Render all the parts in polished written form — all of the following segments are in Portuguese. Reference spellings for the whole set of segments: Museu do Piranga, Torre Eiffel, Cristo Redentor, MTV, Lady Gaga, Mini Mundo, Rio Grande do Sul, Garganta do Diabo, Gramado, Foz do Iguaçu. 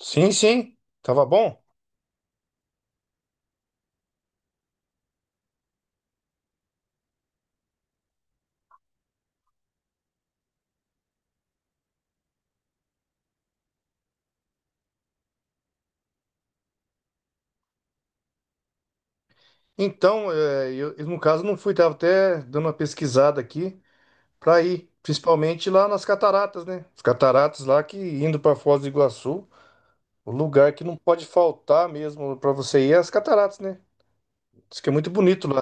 Sim, sim, tava bom. Então, eu, no caso não fui, tava até dando uma pesquisada aqui para ir, principalmente lá nas cataratas, né? As cataratas lá que indo para Foz do Iguaçu, o lugar que não pode faltar mesmo para você ir é as cataratas, né? Diz que é muito bonito lá.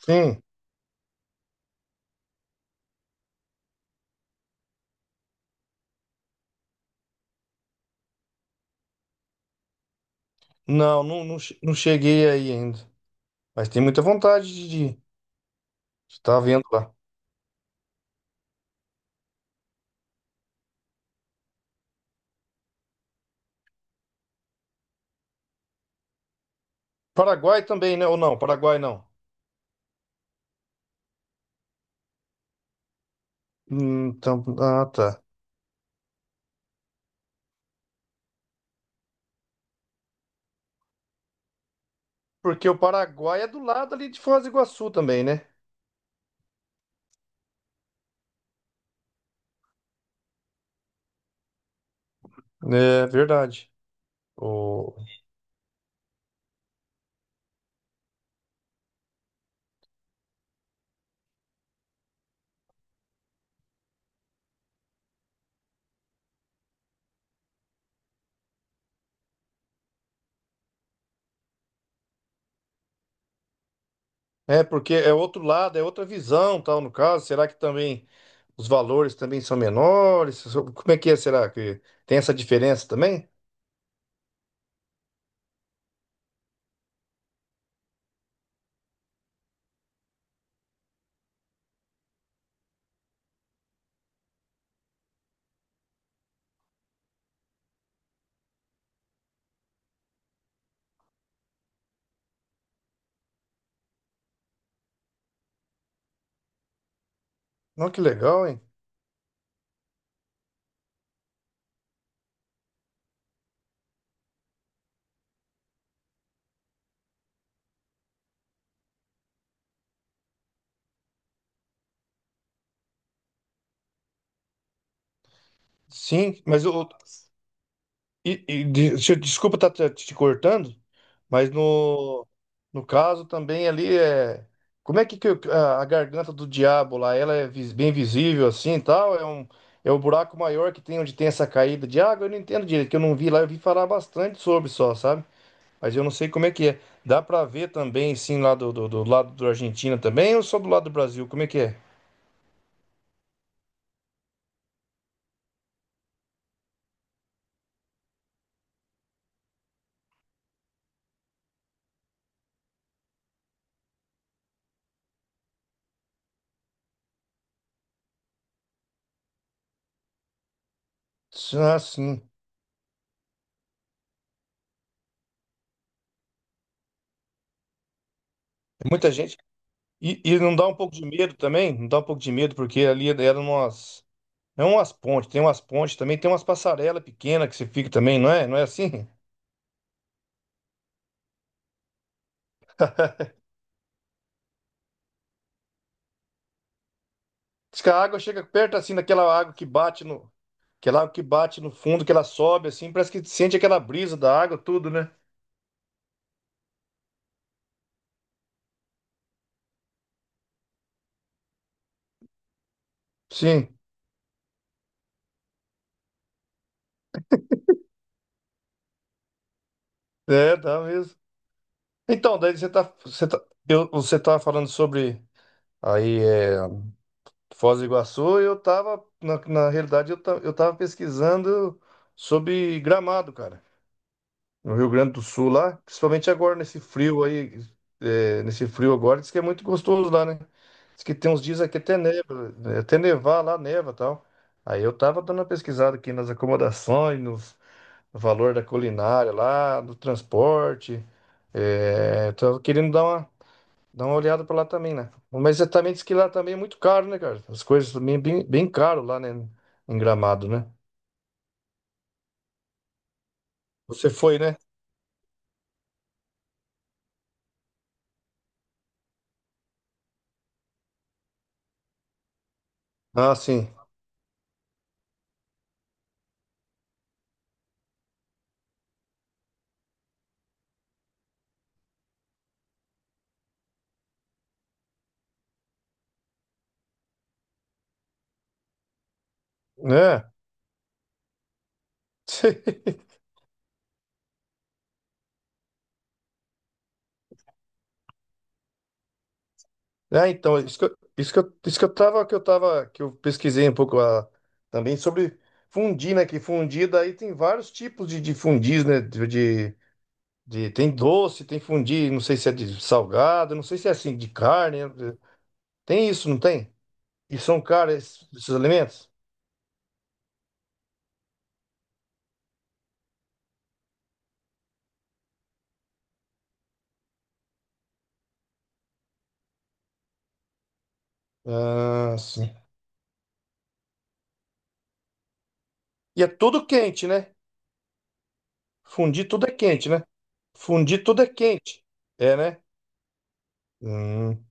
Sim. Não, não, não, não cheguei aí ainda, mas tem muita vontade de estar vendo lá. Paraguai também, né? Ou não? Paraguai não. Hum. Então, ah, tá. Porque o Paraguai é do lado ali de Foz do Iguaçu também, né? É verdade. O... É porque é outro lado, é outra visão, tal, no caso. Será que também os valores também são menores? Como é que é? Será que tem essa diferença também? Não, que legal, hein? Sim, mas o. E, desculpa estar te cortando, mas no caso também ali é. Como é que, a garganta do diabo lá, ela é bem visível assim e tal? É o buraco maior que tem onde tem essa caída de água? Eu não entendo direito, que eu não vi lá, eu vi falar bastante sobre só, sabe? Mas eu não sei como é que é. Dá pra ver também, sim, lá do lado da Argentina também, ou só do lado do Brasil? Como é que é? Ah, sim. É muita gente. E não dá um pouco de medo também? Não dá um pouco de medo, porque ali eram umas. É umas pontes, tem umas pontes também, tem umas passarelas pequenas que você fica também, não é? Não é assim? Diz que a água chega perto assim daquela água que bate no, aquela água que bate no fundo, que ela sobe assim, parece que sente aquela brisa da água, tudo, né? Sim, é, dá mesmo. Então, daí você tá falando sobre aí é, Foz do Iguaçu, e eu tava, na realidade, eu tava pesquisando sobre Gramado, cara. No Rio Grande do Sul lá, principalmente agora nesse frio aí, nesse frio agora, diz que é muito gostoso lá, né? Diz que tem uns dias aqui até neva, né? Até nevar lá, neva e tal. Aí eu tava dando uma pesquisada aqui nas acomodações, no valor da culinária lá, do transporte. É, tava querendo dar dar uma olhada pra lá também, né? Mas é, também diz que lá também é muito caro, né, cara? As coisas também é bem, bem caro lá, né? Em Gramado, né? Você foi, né? Ah, sim. É. É, então, isso que eu tava, que eu pesquisei um pouco ah, também sobre fundir, né? Que fundir daí tem vários tipos de fundis, né? Tem doce, tem fundir, não sei se é de salgado, não sei se é assim, de carne. Né? Tem isso, não tem? E são caros esses, esses alimentos? Ah, sim. E é tudo quente, né? Fundir tudo é quente, né? Fundir tudo é quente. É, né? Hum,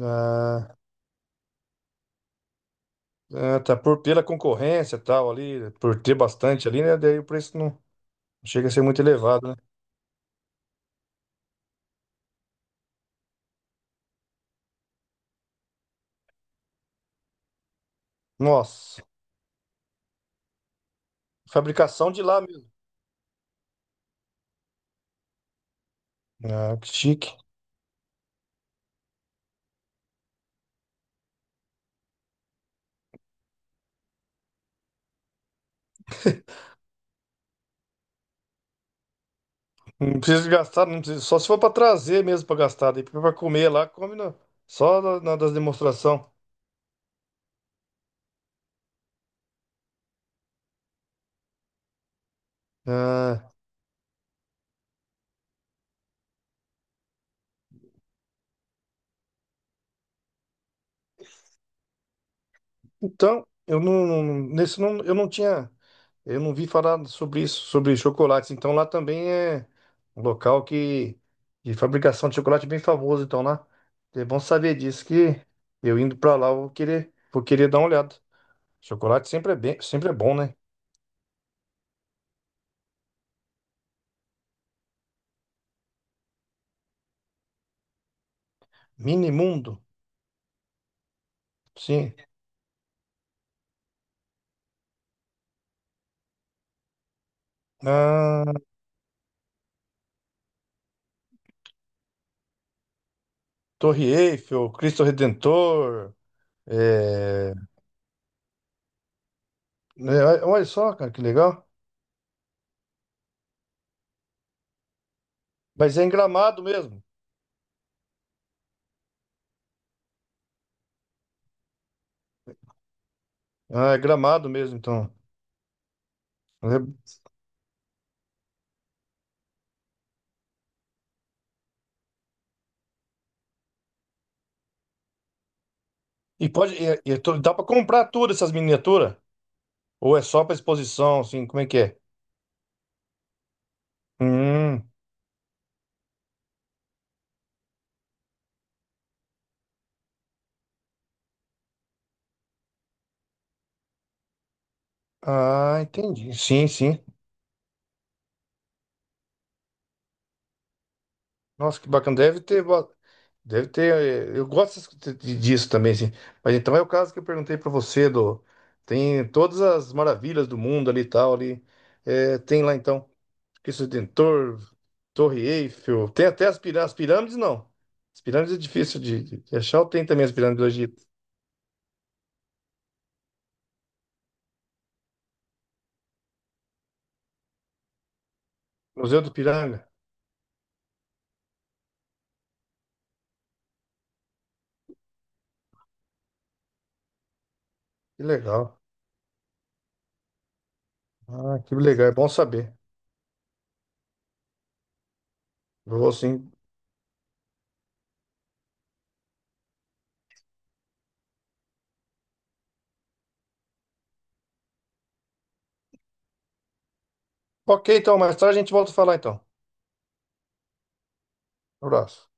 ah. Ah, tá, por pela concorrência e tal ali, por ter bastante ali, né? Daí o preço não chega a ser muito elevado, né? Nossa, fabricação de lá mesmo. Ah, que chique. Não precisa gastar, não precisa, só se for para trazer mesmo para gastar, daí para comer lá, só na das demonstração. Ah, então, eu não, não- nesse não, eu não tinha, eu não vi falar sobre isso, sobre chocolates. Então lá também é um local que de fabricação de chocolate bem famoso. Então lá é bom saber disso que eu indo para lá eu vou vou querer dar uma olhada. Chocolate sempre é bem, sempre é bom, né? Mini Mundo, sim. Ah, Torre Eiffel, Cristo Redentor, é, né, olha só, cara, que legal. Mas é em Gramado mesmo. Ah, é Gramado mesmo, então. É. E pode, dá pra comprar tudo essas miniaturas? Ou é só pra exposição, assim, como é que é? Hum, ah, entendi. Sim, sim. Nossa, que bacana. Deve ter, deve ter. Eh, eu gosto disso também, assim. Mas então é o caso que eu perguntei pra você do, tem todas as maravilhas do mundo ali e tal ali. É, tem lá então Cristo Redentor, Torre Eiffel. Tem até as, as pirâmides, não. As pirâmides é difícil de de achar. Ou tem também as pirâmides do Egito? Museu do Piranga. Que legal. Ah, que legal, é bom saber. Vou sim. Ok, então, mais tarde a gente volta a falar então. Um abraço.